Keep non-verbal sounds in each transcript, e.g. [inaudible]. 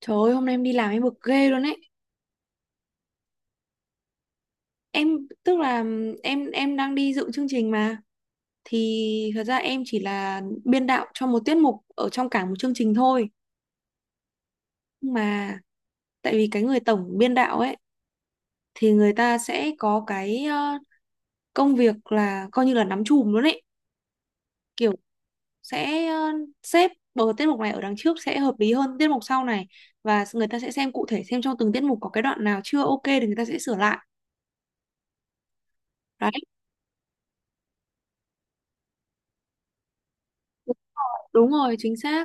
Trời ơi, hôm nay em đi làm em bực ghê luôn ấy. Em tức là em đang đi dự chương trình mà, thì thật ra em chỉ là biên đạo cho một tiết mục ở trong cả một chương trình thôi. Nhưng mà tại vì cái người tổng biên đạo ấy thì người ta sẽ có cái công việc là coi như là nắm chùm luôn ấy. Kiểu sẽ xếp bờ tiết mục này ở đằng trước sẽ hợp lý hơn tiết mục sau này, và người ta sẽ xem cụ thể xem trong từng tiết mục có cái đoạn nào chưa ok thì người ta sẽ sửa lại. Đấy. Đúng rồi, chính xác,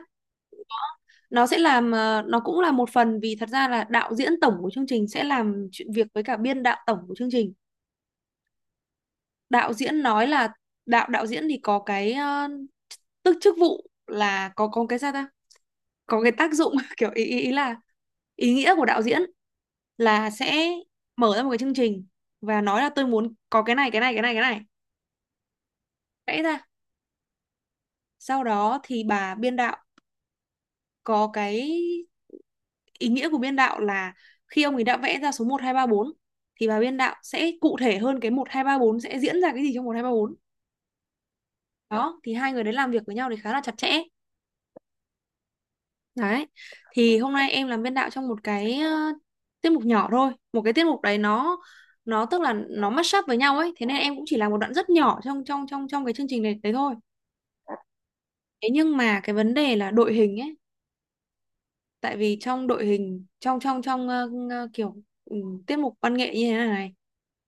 nó sẽ làm nó cũng là một phần vì thật ra là đạo diễn tổng của chương trình sẽ làm chuyện việc với cả biên đạo tổng của chương trình. Đạo diễn nói là đạo đạo diễn thì có cái tức chức vụ là có cái sao ta, có cái tác dụng [laughs] kiểu ý, ý ý là ý nghĩa của đạo diễn là sẽ mở ra một cái chương trình và nói là tôi muốn có cái này cái này cái này cái này, vẽ ra. Sau đó thì bà biên đạo có cái ý nghĩa của biên đạo là khi ông ấy đã vẽ ra số một 2 3 4 thì bà biên đạo sẽ cụ thể hơn cái một 2 3 4 sẽ diễn ra cái gì trong một 2 3 bốn. Đó, thì hai người đấy làm việc với nhau thì khá là chặt chẽ. Đấy. Thì hôm nay em làm biên đạo trong một cái tiết mục nhỏ thôi. Một cái tiết mục đấy nó tức là nó mashup up với nhau ấy, thế nên em cũng chỉ làm một đoạn rất nhỏ trong trong trong trong cái chương trình này đấy thôi. Thế nhưng mà cái vấn đề là đội hình ấy, tại vì trong đội hình trong trong trong kiểu ừ, tiết mục văn nghệ như thế này này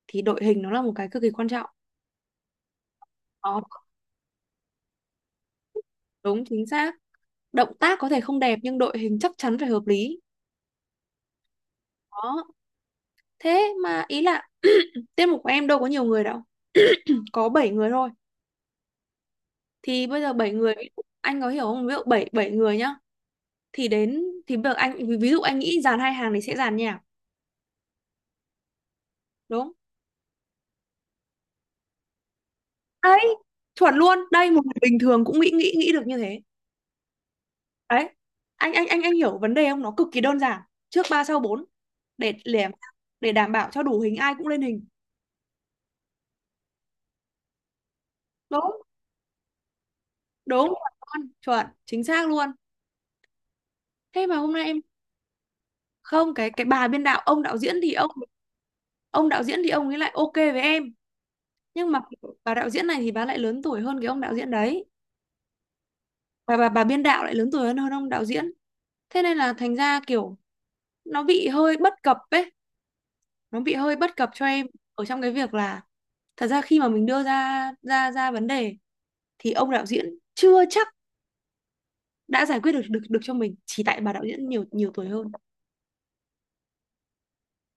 thì đội hình nó là một cái cực kỳ quan trọng. Đó, đúng chính xác. Động tác có thể không đẹp nhưng đội hình chắc chắn phải hợp lý. Đó, thế mà ý là tiết mục của em đâu có nhiều người đâu. Có 7 người thôi. Thì bây giờ 7 người anh có hiểu không? Ví dụ 7 bảy người nhá. Thì đến thì bây giờ anh ví ví dụ anh nghĩ dàn hai hàng thì sẽ dàn nhạc, đúng? Đấy, chuẩn luôn. Đây một người bình thường cũng nghĩ nghĩ nghĩ được như thế. Đấy. Anh hiểu vấn đề không? Nó cực kỳ đơn giản. Trước 3 sau bốn, để để để đảm bảo cho đủ hình ai cũng lên hình. Đúng. Đúng rồi con, chuẩn, chính xác luôn. Thế mà hôm nay em không, cái bà biên đạo, ông đạo diễn thì ông đạo diễn thì ông ấy lại ok với em, nhưng mà bà đạo diễn này thì bà lại lớn tuổi hơn cái ông đạo diễn đấy. Và bà biên đạo lại lớn tuổi hơn hơn ông đạo diễn. Thế nên là thành ra kiểu nó bị hơi bất cập ấy, nó bị hơi bất cập cho em ở trong cái việc là thật ra khi mà mình đưa ra ra ra vấn đề thì ông đạo diễn chưa chắc đã giải quyết được được được cho mình chỉ tại bà đạo diễn nhiều nhiều tuổi hơn.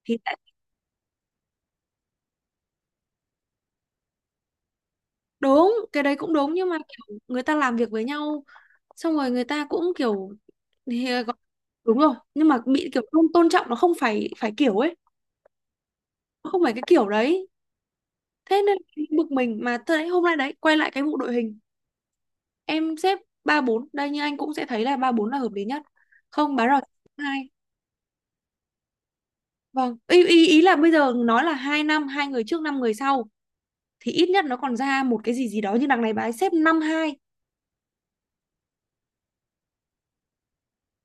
Thì đúng cái đấy cũng đúng nhưng mà kiểu người ta làm việc với nhau xong rồi người ta cũng kiểu thì gọi- đúng rồi nhưng mà bị kiểu không tôn trọng, nó không phải phải kiểu ấy, nó không phải cái kiểu đấy. Thế nên bực mình mà, thế đấy hôm nay đấy quay lại cái vụ đội hình. Em xếp ba bốn, đây như anh cũng sẽ thấy là ba bốn là hợp lý nhất, không bán rồi hai. Vâng ý, ý ý là bây giờ nói là hai năm hai người trước năm người sau thì ít nhất nó còn ra một cái gì gì đó, như đằng này bà ấy xếp năm hai.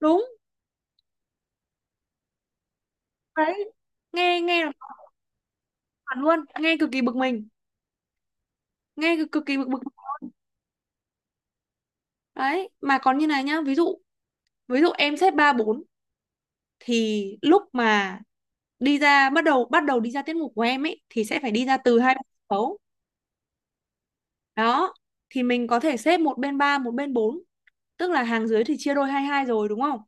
Đúng đấy, nghe nghe là chuẩn luôn, nghe cực kỳ bực mình, nghe cực kỳ bực bực. Đấy mà còn như này nhá, ví dụ em xếp ba bốn thì lúc mà đi ra bắt đầu đi ra tiết mục của em ấy thì sẽ phải đi ra từ hai bên sân khấu. Đó, thì mình có thể xếp một bên ba một bên bốn, tức là hàng dưới thì chia đôi hai hai rồi đúng không,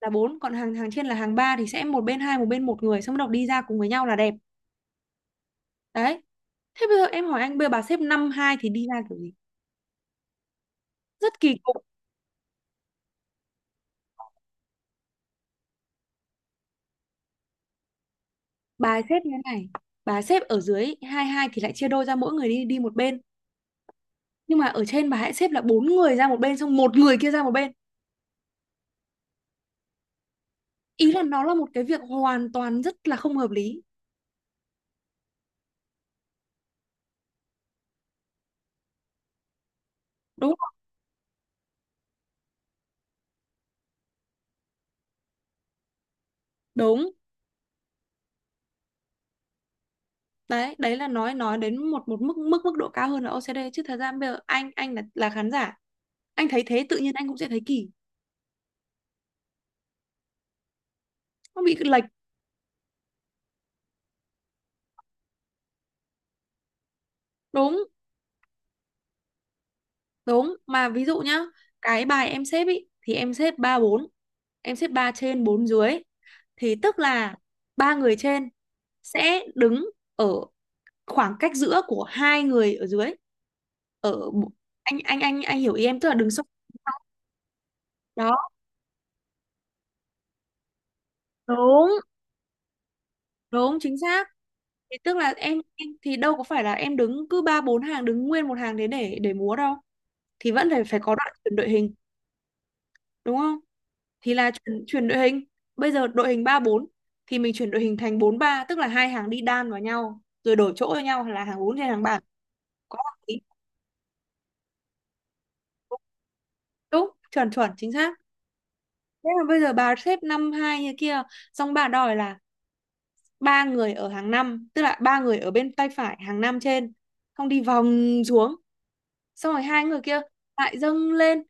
là bốn, còn hàng hàng trên là hàng ba thì sẽ một bên hai một bên một người, xong bắt đầu đi ra cùng với nhau là đẹp. Đấy, thế bây giờ em hỏi anh, bây giờ bà xếp năm hai thì đi ra kiểu gì, rất kỳ cục. Bà xếp như thế này, bà xếp ở dưới hai hai thì lại chia đôi ra mỗi người đi đi một bên, nhưng mà ở trên bà hãy xếp là bốn người ra một bên xong một người kia ra một bên. Ý là nó là một cái việc hoàn toàn rất là không hợp lý, đúng không? Đúng đấy, đấy là nói đến một một mức mức mức độ cao hơn là OCD, chứ thật ra bây giờ anh là khán giả anh thấy thế tự nhiên anh cũng sẽ thấy kỳ, nó bị lệch. Đúng đúng mà ví dụ nhá, cái bài em xếp ý thì em xếp ba bốn, em xếp ba trên bốn dưới, thì tức là ba người trên sẽ đứng ở khoảng cách giữa của hai người ở dưới, ở anh hiểu ý em tức là đứng song. Đó, đúng đúng chính xác. Thì tức là em thì đâu có phải là em đứng cứ ba bốn hàng đứng nguyên một hàng thế để múa đâu, thì vẫn phải phải có đoạn chuyển đội hình, đúng không, thì là chuyển đội hình. Bây giờ đội hình ba bốn thì mình chuyển đội hình thành bốn ba tức là hai hàng đi đan vào nhau rồi đổi chỗ cho nhau là hàng bốn trên hàng ba, có hợp lý. Đúng chuẩn chuẩn chính xác. Thế là bây giờ bà xếp năm hai như kia, xong bà đòi là ba người ở hàng năm, tức là ba người ở bên tay phải hàng năm trên, xong đi vòng xuống, xong rồi hai người kia lại dâng lên,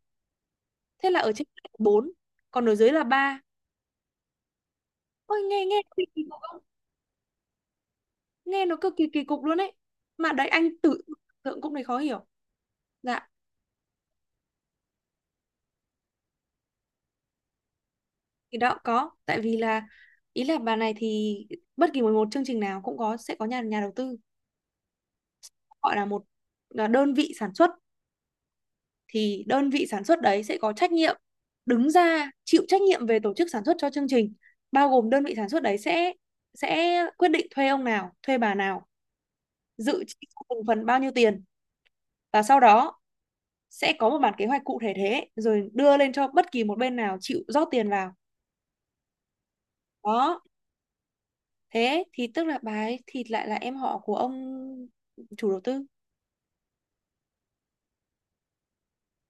thế là ở trên là bốn, còn ở dưới là ba. Ôi nghe nghe kỳ kỳ cục không? Nghe nó cực kỳ kỳ cục luôn ấy. Mà đấy anh tự tưởng cũng thấy khó hiểu. Dạ, thì đó có, tại vì là ý là bà này thì bất kỳ một một chương trình nào cũng có sẽ có nhà nhà đầu tư, gọi là một là đơn vị sản xuất, thì đơn vị sản xuất đấy sẽ có trách nhiệm đứng ra chịu trách nhiệm về tổ chức sản xuất cho chương trình, bao gồm đơn vị sản xuất đấy sẽ quyết định thuê ông nào thuê bà nào, dự chi cho từng phần bao nhiêu tiền, và sau đó sẽ có một bản kế hoạch cụ thể thế rồi đưa lên cho bất kỳ một bên nào chịu rót tiền vào. Đó, thế thì tức là bà ấy thì lại là em họ của ông chủ đầu tư.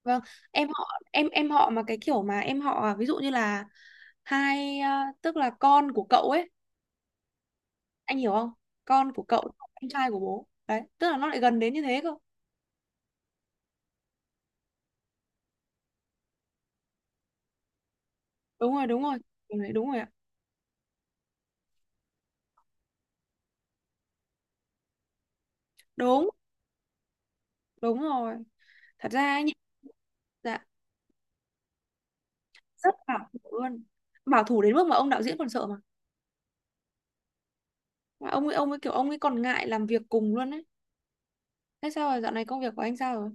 Vâng, em họ em họ mà cái kiểu mà em họ à, ví dụ như là hai à, tức là con của cậu ấy, anh hiểu không, con của cậu anh trai của bố đấy tức là nó lại gần đến như thế cơ. Đúng rồi đúng rồi, đúng rồi đúng rồi ạ. Đúng. Đúng rồi, thật ra ấy nhỉ, dạ rất bảo thủ luôn, bảo thủ đến mức mà ông đạo diễn còn sợ mà ông ấy kiểu ông ấy còn ngại làm việc cùng luôn đấy. Thế sao rồi, dạo này công việc của anh sao rồi?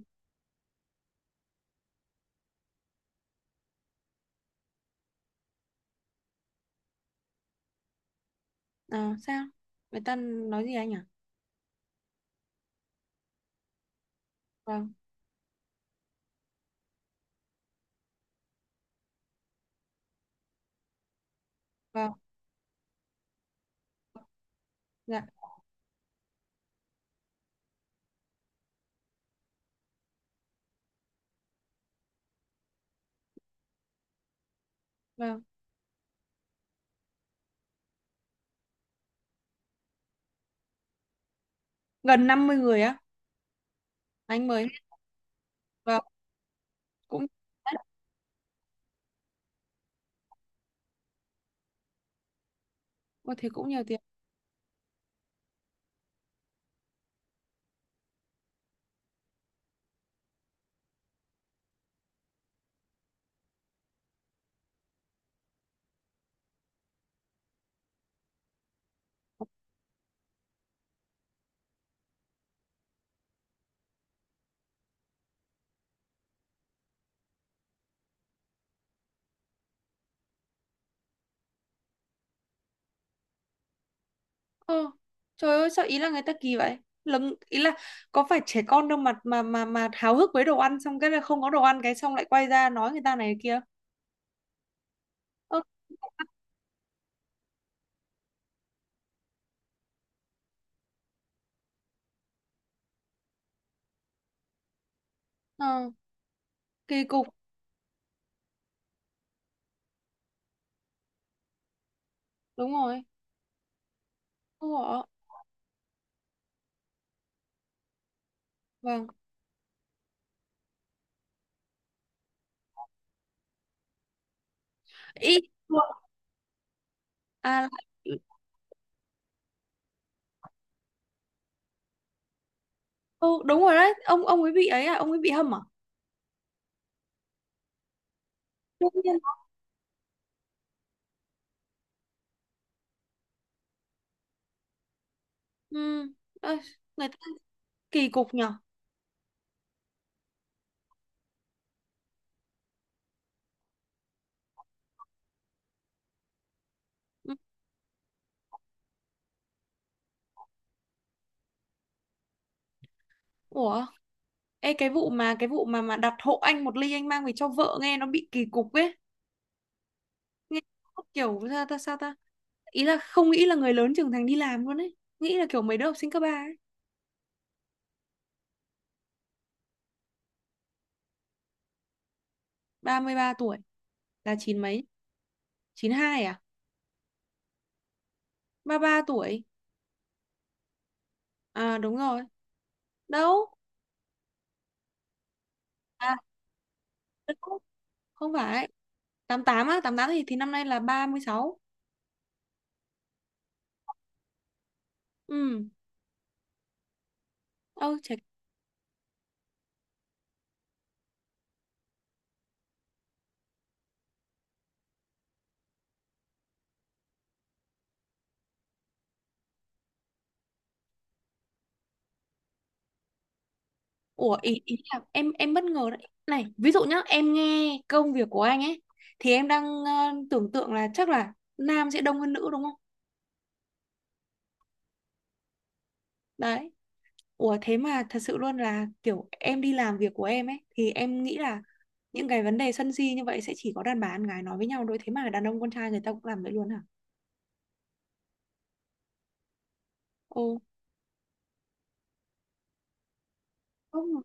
À sao, người ta nói gì anh à? Vâng. Vâng. Dạ. Vâng, gần 50 người á? Anh mới... Vâng. Cũng... Ôi, thế cũng nhiều tiền. Ờ, trời ơi, sao ý là người ta kỳ vậy? Lấm ý là có phải trẻ con đâu mà háo hức với đồ ăn xong cái là không có đồ ăn cái xong lại quay ra nói người ta này kia. Ơ. Ờ, kỳ cục. Đúng rồi. Ủa, vâng. Ý à. Ừ, đúng rồi đấy, ông ấy bị ấy à, ông ấy bị hâm à? Đương nhiên. Ừ. Ơi, người ta kỳ cục nhở. Ừ. Ủa, ê cái vụ mà đặt hộ anh một ly anh mang về cho vợ nghe nó bị kỳ cục ấy. Nghe kiểu sao ta, ý là không nghĩ là người lớn trưởng thành đi làm luôn ấy, nghĩ là kiểu mấy đứa học sinh cấp ba ấy. 33 tuổi là chín mấy, 92 à? 33 tuổi à? Đúng rồi. Đâu. À đâu, không phải, 88 á, 88 thì năm nay là 36. Ừ. Ơ trẻ. Ủa, ý ý là em bất ngờ đấy. Này ví dụ nhá, em nghe công việc của anh ấy thì em đang tưởng tượng là chắc là nam sẽ đông hơn nữ, đúng không? Đấy. Ủa, thế mà thật sự luôn. Là kiểu em đi làm việc của em ấy thì em nghĩ là những cái vấn đề sân si như vậy sẽ chỉ có đàn bà con gái nói với nhau thôi, thế mà đàn ông con trai người ta cũng làm vậy luôn hả? Ồ. Đúng.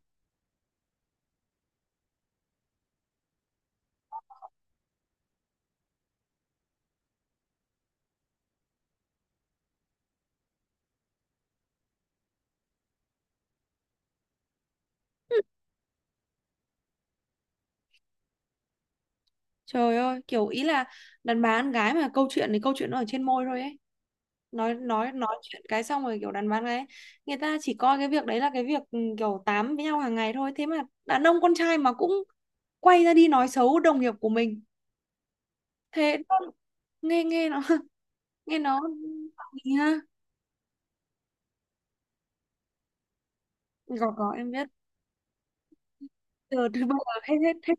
Trời ơi, kiểu ý là đàn bà con gái mà câu chuyện thì câu chuyện nó ở trên môi thôi ấy. Nói chuyện cái xong rồi kiểu đàn bà con gái người ta chỉ coi cái việc đấy là cái việc, ừ, kiểu tám với nhau hàng ngày thôi. Thế mà đàn ông con trai mà cũng quay ra đi nói xấu đồng nghiệp của mình. Thế nó- nghe nghe nó [laughs] nghe nó, ha? Có em biết. Từ từ bây giờ hết hết hết.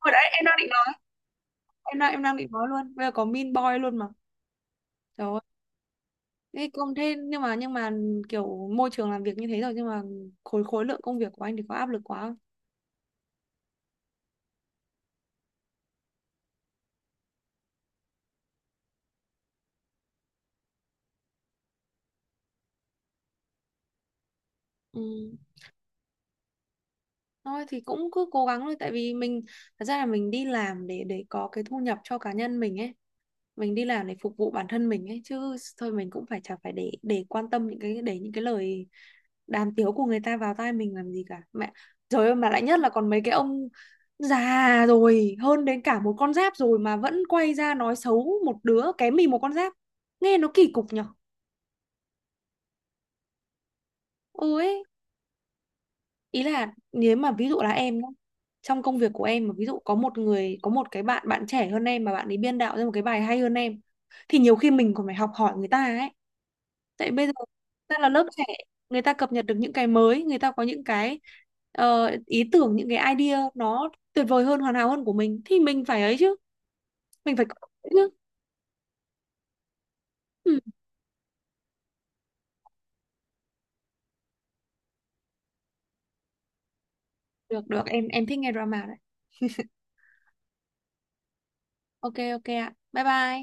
Hồi đấy em đang định nói, em đang định nói luôn, bây giờ có Mean Boy luôn mà. Trời ơi. Thế nhưng mà, kiểu môi trường làm việc như thế rồi, nhưng mà khối khối lượng công việc của anh thì có áp lực quá không? Ừ. Thôi thì cũng cứ cố gắng thôi, tại vì mình, thật ra là mình đi làm để có cái thu nhập cho cá nhân mình ấy, mình đi làm để phục vụ bản thân mình ấy chứ. Thôi mình cũng phải, chả phải để quan tâm những cái, để những cái lời đàm tiếu của người ta vào tai mình làm gì cả, mẹ. Trời ơi, mà lại nhất là còn mấy cái ông già rồi, hơn đến cả một con giáp rồi mà vẫn quay ra nói xấu một đứa kém mình một con giáp, nghe nó kỳ cục nhở. Ôi. Ý là nếu mà ví dụ là em nhá, trong công việc của em mà ví dụ có một người, có một cái bạn bạn trẻ hơn em mà bạn ấy biên đạo ra một cái bài hay hơn em thì nhiều khi mình còn phải học hỏi người ta ấy. Tại bây giờ ta là lớp trẻ, người ta cập nhật được những cái mới, người ta có những cái, ý tưởng, những cái idea nó tuyệt vời hơn, hoàn hảo hơn của mình, thì mình phải ấy chứ, mình phải có chứ. Ừ. Được, em thích nghe drama đấy. Ok, ok ạ, bye bye.